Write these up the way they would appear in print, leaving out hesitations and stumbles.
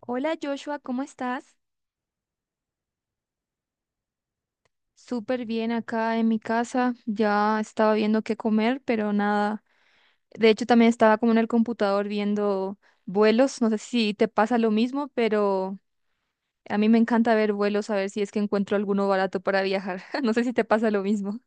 Hola Joshua, ¿cómo estás? Súper bien acá en mi casa. Ya estaba viendo qué comer, pero nada. De hecho, también estaba como en el computador viendo vuelos. No sé si te pasa lo mismo, pero a mí me encanta ver vuelos, a ver si es que encuentro alguno barato para viajar. No sé si te pasa lo mismo.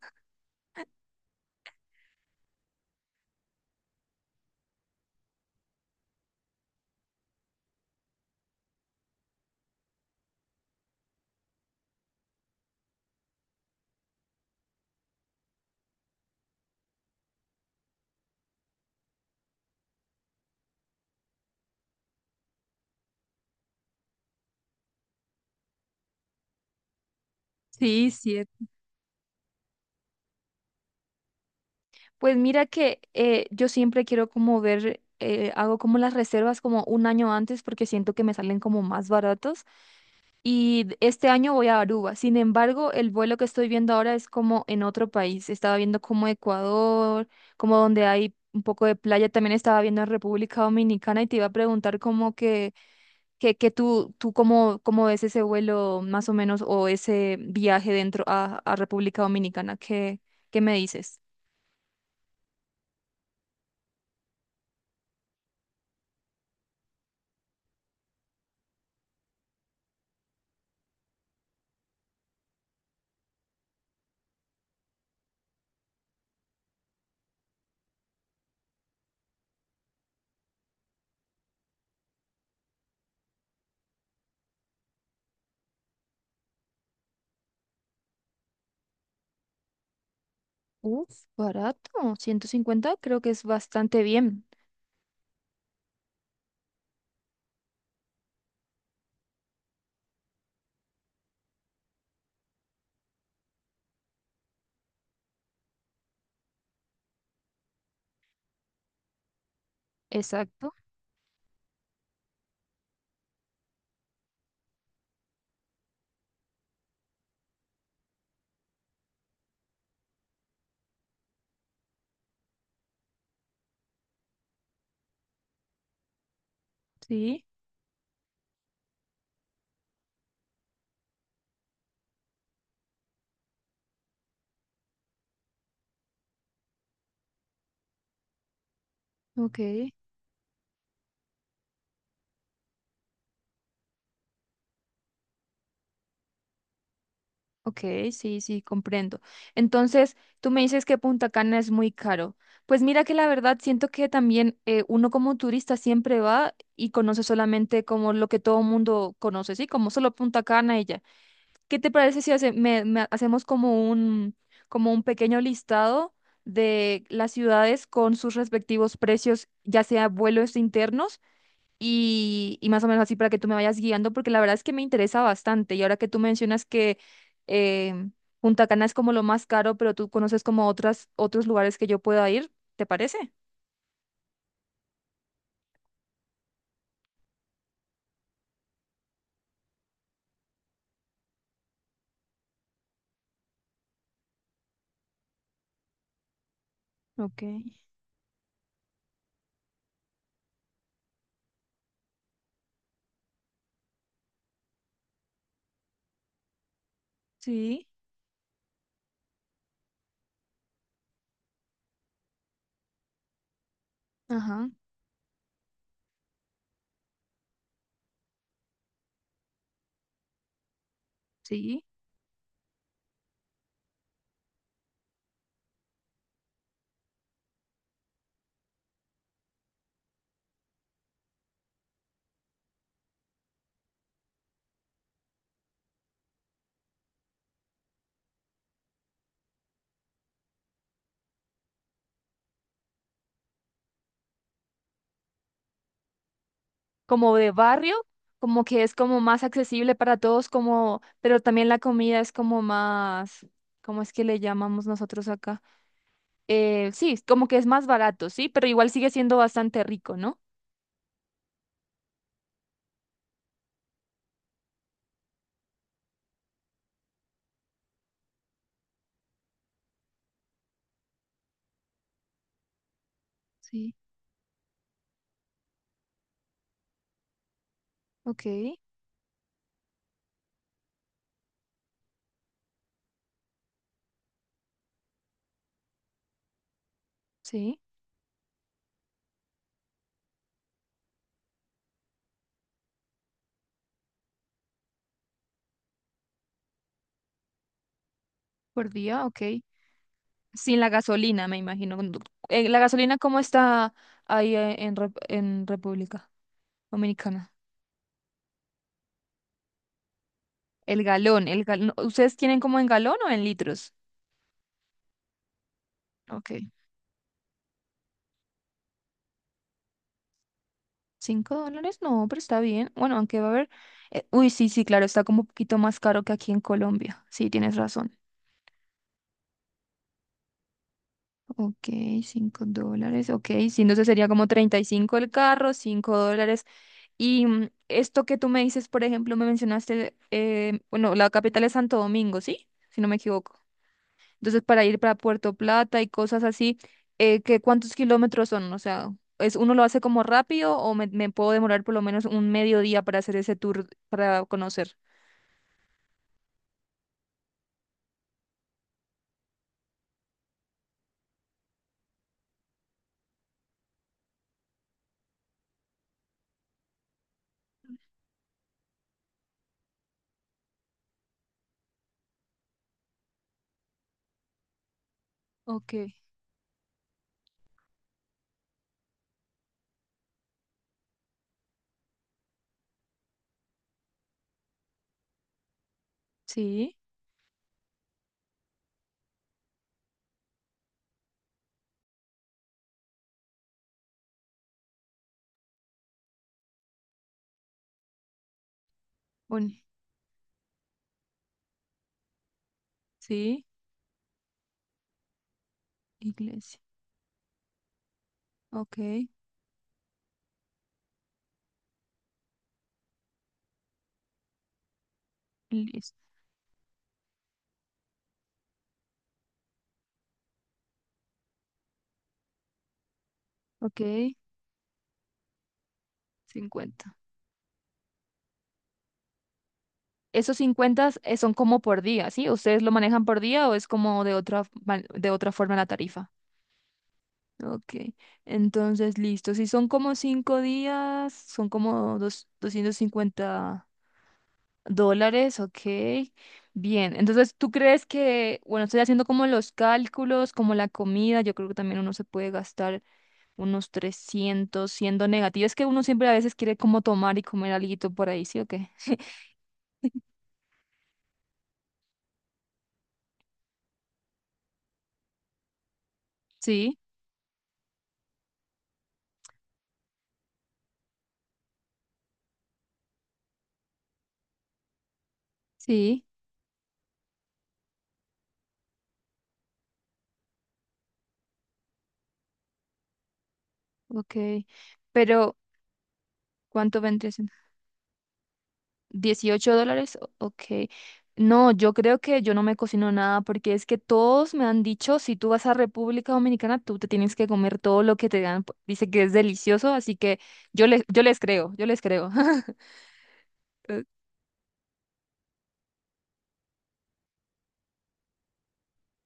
Sí, sí. Pues mira que yo siempre quiero como ver, hago como las reservas como un año antes porque siento que me salen como más baratos. Y este año voy a Aruba. Sin embargo, el vuelo que estoy viendo ahora es como en otro país. Estaba viendo como Ecuador, como donde hay un poco de playa. También estaba viendo en República Dominicana y te iba a preguntar como que, que tú cómo ves ese vuelo más o menos o ese viaje dentro a República Dominicana. ¿Qué, qué me dices? Uf, barato. 150, creo que es bastante bien. Exacto. Sí. Ok. Ok, sí, sí, comprendo. Entonces, tú me dices que Punta Cana es muy caro. Pues mira que la verdad siento que también uno como turista siempre va y conoce solamente como lo que todo mundo conoce, ¿sí? Como solo Punta Cana y ya. ¿Qué te parece si me hacemos como un pequeño listado de las ciudades con sus respectivos precios, ya sea vuelos internos? Y, y más o menos así para que tú me vayas guiando, porque la verdad es que me interesa bastante. Y ahora que tú mencionas que em, Punta Cana es como lo más caro, pero tú conoces como otras, otros lugares que yo pueda ir, ¿te parece? Ok. Sí, ajá, sí. Como de barrio, como que es como más accesible para todos, como, pero también la comida es como más, ¿cómo es que le llamamos nosotros acá? Sí, es como que es más barato, sí, pero igual sigue siendo bastante rico, ¿no? Sí. Ok, sí. Por día, ok. Sin la gasolina, me imagino. ¿La gasolina cómo está ahí en, en República Dominicana? El galón, el galón. ¿Ustedes tienen como en galón o en litros? Ok. ¿$5? No, pero está bien. Bueno, aunque va a haber... uy, sí, sí, claro, está como un poquito más caro que aquí en Colombia. Sí, tienes razón. Ok, $5. Ok, sí, entonces sería como 35 el carro, $5. Y esto que tú me dices, por ejemplo, me mencionaste, bueno, la capital es Santo Domingo, ¿sí? Si no me equivoco. Entonces, para ir para Puerto Plata y cosas así, ¿qué, cuántos kilómetros son? O sea, ¿es, uno lo hace como rápido o me, puedo demorar por lo menos un mediodía para hacer ese tour, para conocer? Ok, sí, bueno, sí, iglesia. Ok, listo. Ok, 50. Esos 50 son como por día, ¿sí? ¿Ustedes lo manejan por día o es como de otra, de otra forma la tarifa? Ok, entonces listo. Si son como 5 días, son como $250, ok. Bien, entonces tú crees que, bueno, estoy haciendo como los cálculos, como la comida, yo creo que también uno se puede gastar unos 300 siendo negativo. Es que uno siempre a veces quiere como tomar y comer alguito por ahí, ¿sí o qué? Sí, sí, ok. Pero, ¿cuánto vendría siendo? ¿$18? O- Ok. No, yo creo que yo no me cocino nada porque es que todos me han dicho, si tú vas a República Dominicana, tú te tienes que comer todo lo que te dan. Pues, dice que es delicioso, así que yo les creo, yo les creo.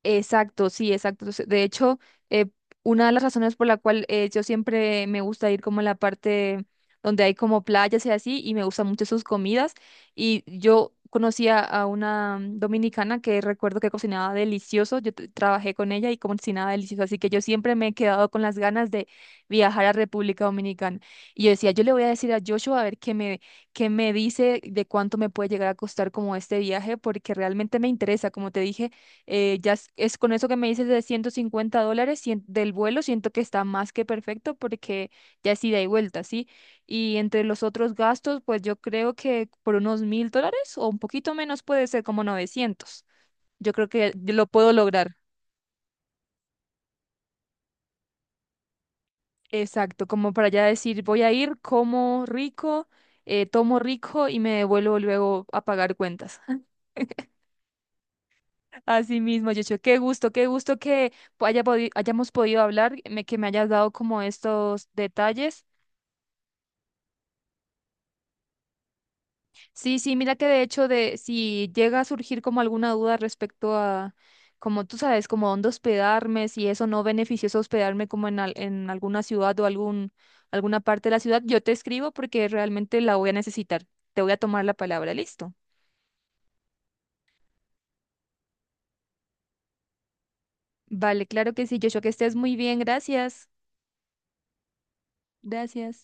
Exacto, sí, exacto. De hecho, eh, una de las razones por la cual yo siempre me gusta ir como a la parte donde hay como playas y así, y me gustan mucho sus comidas. Y yo conocí a una dominicana que recuerdo que cocinaba delicioso. Yo trabajé con ella y cocinaba delicioso. Así que yo siempre me he quedado con las ganas de viajar a República Dominicana. Y yo decía, yo le voy a decir a Joshua a ver qué me dice de cuánto me puede llegar a costar como este viaje, porque realmente me interesa, como te dije ya es con eso que me dices de $150 del vuelo, siento que está más que perfecto porque ya es ida y vuelta, ¿sí? Y entre los otros gastos, pues yo creo que por unos $1000 o un poquito menos puede ser como 900. Yo creo que lo puedo lograr. Exacto, como para ya decir, voy a ir, como rico, tomo rico y me devuelvo luego a pagar cuentas. Así mismo, Yocho, qué gusto que hayamos podido hablar, que me hayas dado como estos detalles. Sí, sí, mira que de hecho de si llega a surgir como alguna duda respecto a, como tú sabes, como dónde hospedarme, si eso no beneficioso hospedarme como en, en alguna ciudad o algún, alguna parte de la ciudad, yo te escribo porque realmente la voy a necesitar. Te voy a tomar la palabra, listo. Vale, claro que sí, Joshua, que estés muy bien, gracias. Gracias.